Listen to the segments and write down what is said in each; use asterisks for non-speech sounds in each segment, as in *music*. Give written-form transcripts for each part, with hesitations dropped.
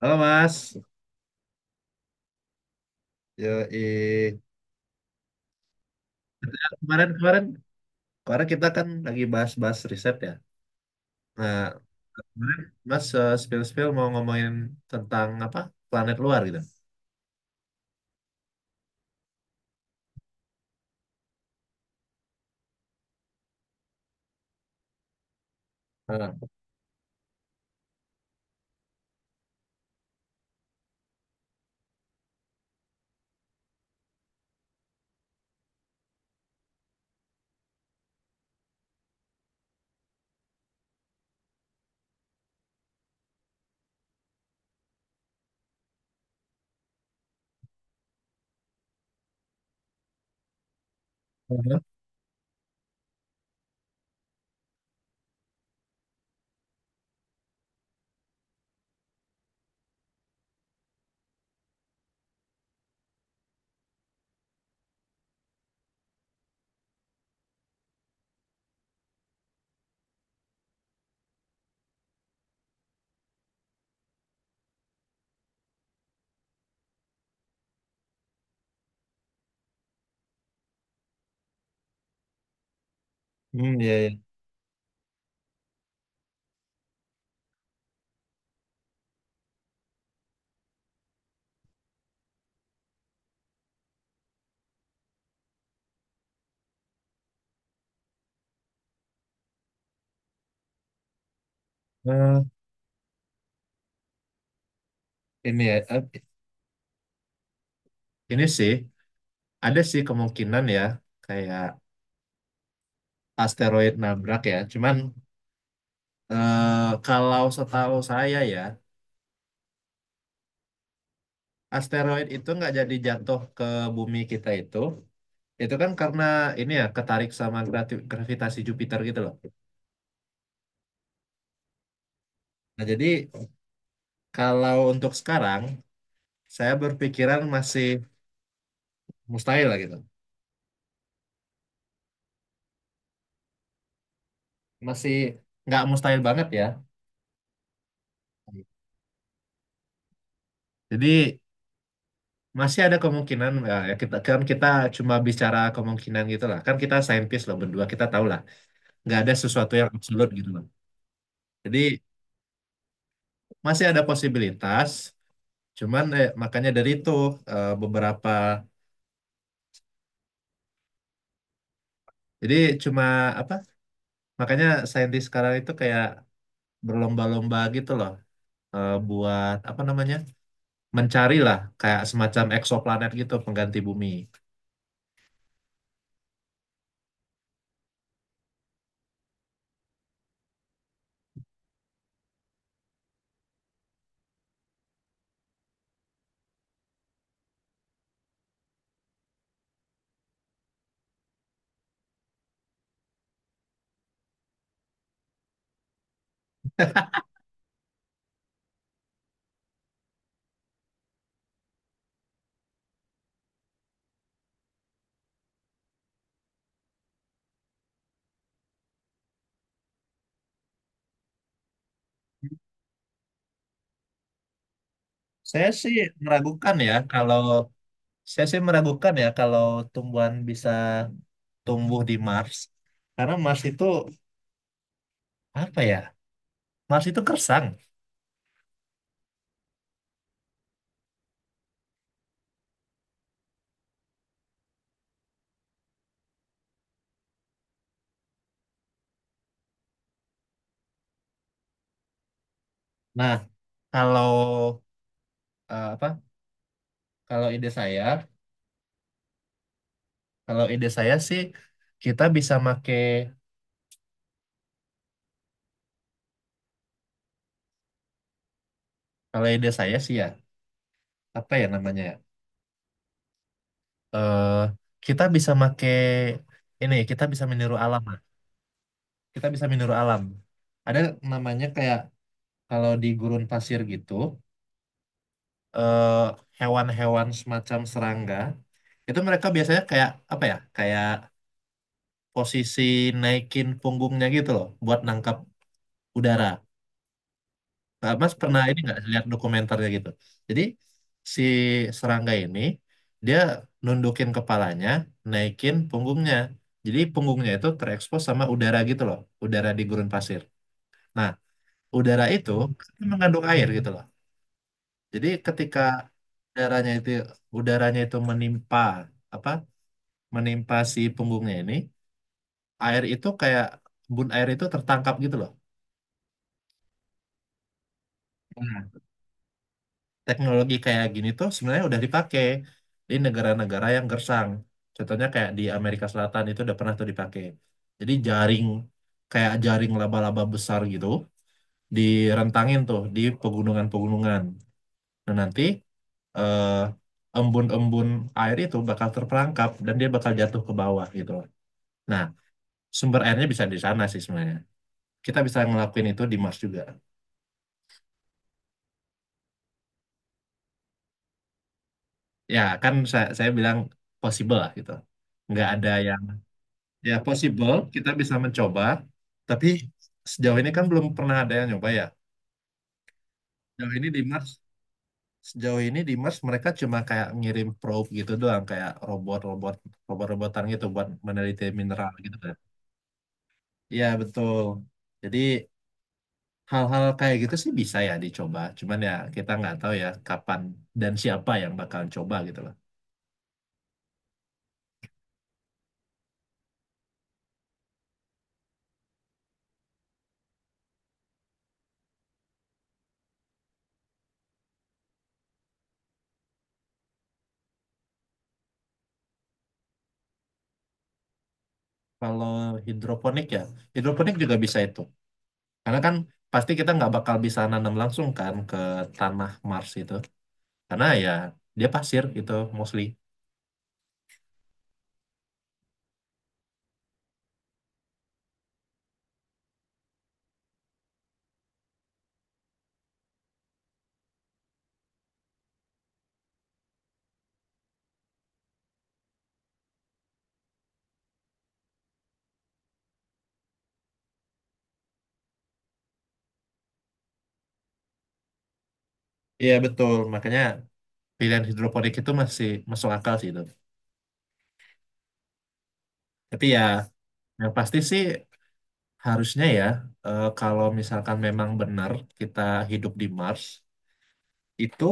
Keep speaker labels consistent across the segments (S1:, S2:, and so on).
S1: Halo Mas, yoi. Kemarin kemarin kemarin kita kan lagi bahas-bahas riset ya. Nah, kemarin Mas spill-spill mau ngomongin tentang apa planet luar gitu. Heeh. Heeh. Hmm, iya, iya. Eh, ini ya, eh, ini sih ada sih kemungkinan ya kayak asteroid nabrak ya. Cuman kalau setahu saya ya asteroid itu nggak jadi jatuh ke bumi kita itu. Itu kan karena ini ya ketarik sama gravitasi Jupiter gitu loh. Nah, jadi kalau untuk sekarang saya berpikiran masih mustahil lah gitu. Masih nggak mustahil banget ya. Jadi masih ada kemungkinan ya ya kita kan kita cuma bicara kemungkinan gitu lah. Kan kita saintis loh berdua, kita tahu lah nggak ada sesuatu yang absolut gitu loh. Jadi masih ada posibilitas, cuman makanya dari itu beberapa jadi cuma apa. Makanya saintis sekarang itu kayak berlomba-lomba gitu loh, buat apa namanya mencari lah kayak semacam eksoplanet gitu pengganti bumi. Saya sih meragukan ya kalau tumbuhan bisa tumbuh di Mars karena Mars itu apa ya? Mars itu kersang. Nah, kalau apa? Kalau ide saya, kalau ide saya sih kita bisa make kalau ide saya sih ya apa ya namanya? Ya, eh kita bisa make ini kita bisa meniru alam lah. Kita bisa meniru alam. Ada namanya kayak kalau di gurun pasir gitu, eh, hewan-hewan semacam serangga itu mereka biasanya kayak apa ya? Kayak posisi naikin punggungnya gitu loh buat nangkap udara. Nah, Mas pernah ini nggak lihat dokumenternya gitu? Jadi si serangga ini dia nundukin kepalanya, naikin punggungnya. Jadi punggungnya itu terekspos sama udara gitu loh, udara di gurun pasir. Nah, udara itu kan mengandung air gitu loh. Jadi ketika udaranya itu udaranya itu menimpa apa? Menimpa si punggungnya ini, air itu kayak embun air itu tertangkap gitu loh. Teknologi kayak gini tuh sebenarnya udah dipakai di negara-negara yang gersang. Contohnya kayak di Amerika Selatan itu udah pernah tuh dipakai. Jadi jaring kayak jaring laba-laba besar gitu direntangin tuh di pegunungan-pegunungan. Nah nanti embun-embun air itu bakal terperangkap dan dia bakal jatuh ke bawah gitu loh. Nah sumber airnya bisa di sana sih sebenarnya. Kita bisa ngelakuin itu di Mars juga. Ya kan saya bilang possible lah gitu. Nggak ada yang. Ya, possible. Kita bisa mencoba. Tapi sejauh ini kan belum pernah ada yang nyoba ya. Sejauh ini di Mars, sejauh ini di Mars mereka cuma kayak ngirim probe gitu doang, kayak robot-robot, robot-robotan gitu buat meneliti mineral gitu kan. Iya, betul. Jadi hal-hal kayak gitu sih bisa ya dicoba. Cuman ya kita nggak tahu ya kapan dan siapa yang bakal coba gitu loh. Kalau hidroponik ya, hidroponik juga bisa itu. Karena kan pasti kita nggak bakal bisa nanam langsung kan ke tanah Mars itu, karena ya dia pasir gitu mostly. Iya betul, makanya pilihan hidroponik itu masih masuk akal sih itu. Tapi ya yang pasti sih harusnya ya, kalau misalkan memang benar kita hidup di Mars itu,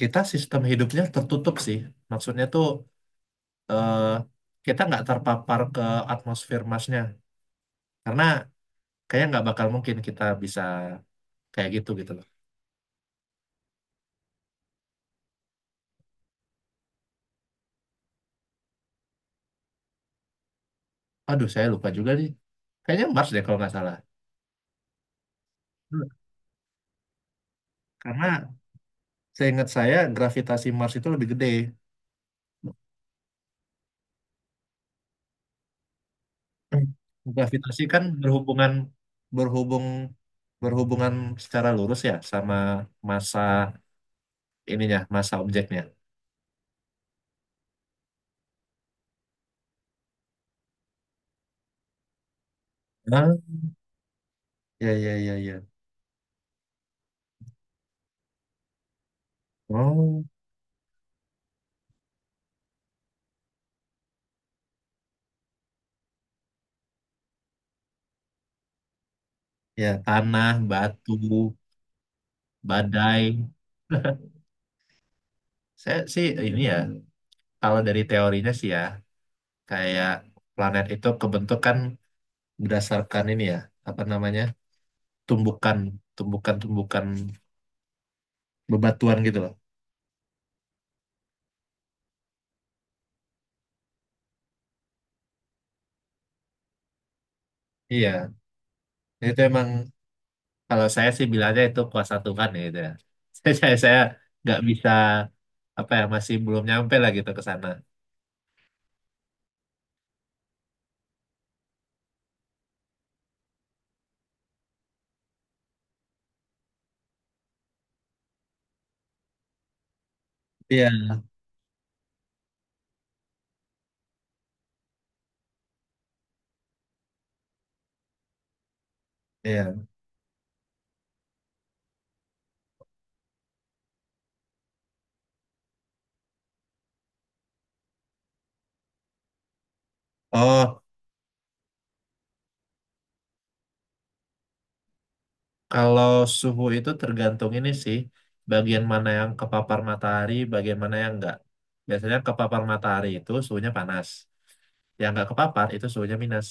S1: kita sistem hidupnya tertutup sih. Maksudnya tuh eh, kita nggak terpapar ke atmosfer Marsnya karena kayaknya nggak bakal mungkin kita bisa kayak gitu gitu loh. Aduh saya lupa juga nih, kayaknya Mars deh kalau nggak salah, karena seingat saya gravitasi Mars itu lebih gede. Gravitasi kan berhubung berhubungan secara lurus ya sama massa ininya, massa objeknya. Hah? Ya, ya, ya, ya. Oh, ya tanah, batu, badai. Saya sih ini ya, kalau dari teorinya sih ya, kayak planet itu kebentuk kan berdasarkan ini ya, apa namanya? tumbukan, tumbukan-tumbukan bebatuan gitu loh. Iya, itu emang. Kalau saya sih bilangnya itu kuasa Tuhan ya gitu ya. *laughs* Saya nggak bisa apa ya, masih belum nyampe lah gitu ke sana. Iya, iya. Oh, kalau suhu itu tergantung ini sih, bagian mana yang kepapar matahari, bagian mana yang enggak. Biasanya kepapar matahari itu suhunya panas, yang enggak kepapar itu suhunya minus.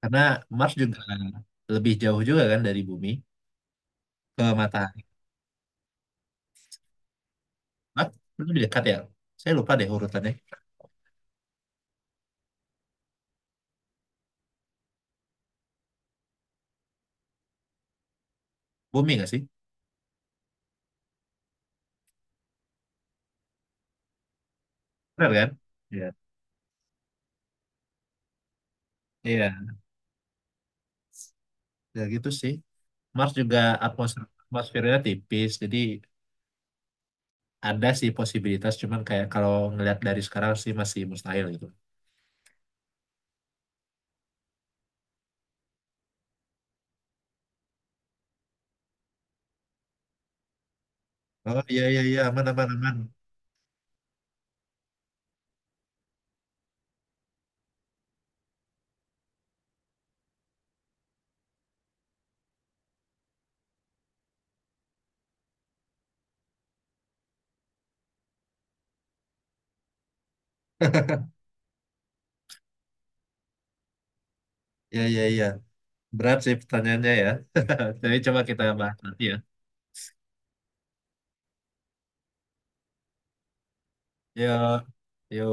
S1: Karena Mars juga lebih jauh juga kan dari bumi ke matahari. Mars lebih dekat ya? Saya lupa deh urutannya. Bumi nggak sih? Benar kan? Iya. Iya. Ya gitu sih, Mars juga atmosfernya tipis, jadi ada sih posibilitas cuman kayak kalau ngelihat dari sekarang sih masih mustahil gitu. Oh iya iya iya, aman aman aman. *laughs* Iya iya iya, berat sih pertanyaannya ya. *laughs* Tapi coba kita bahas nanti ya. Yo. Yo.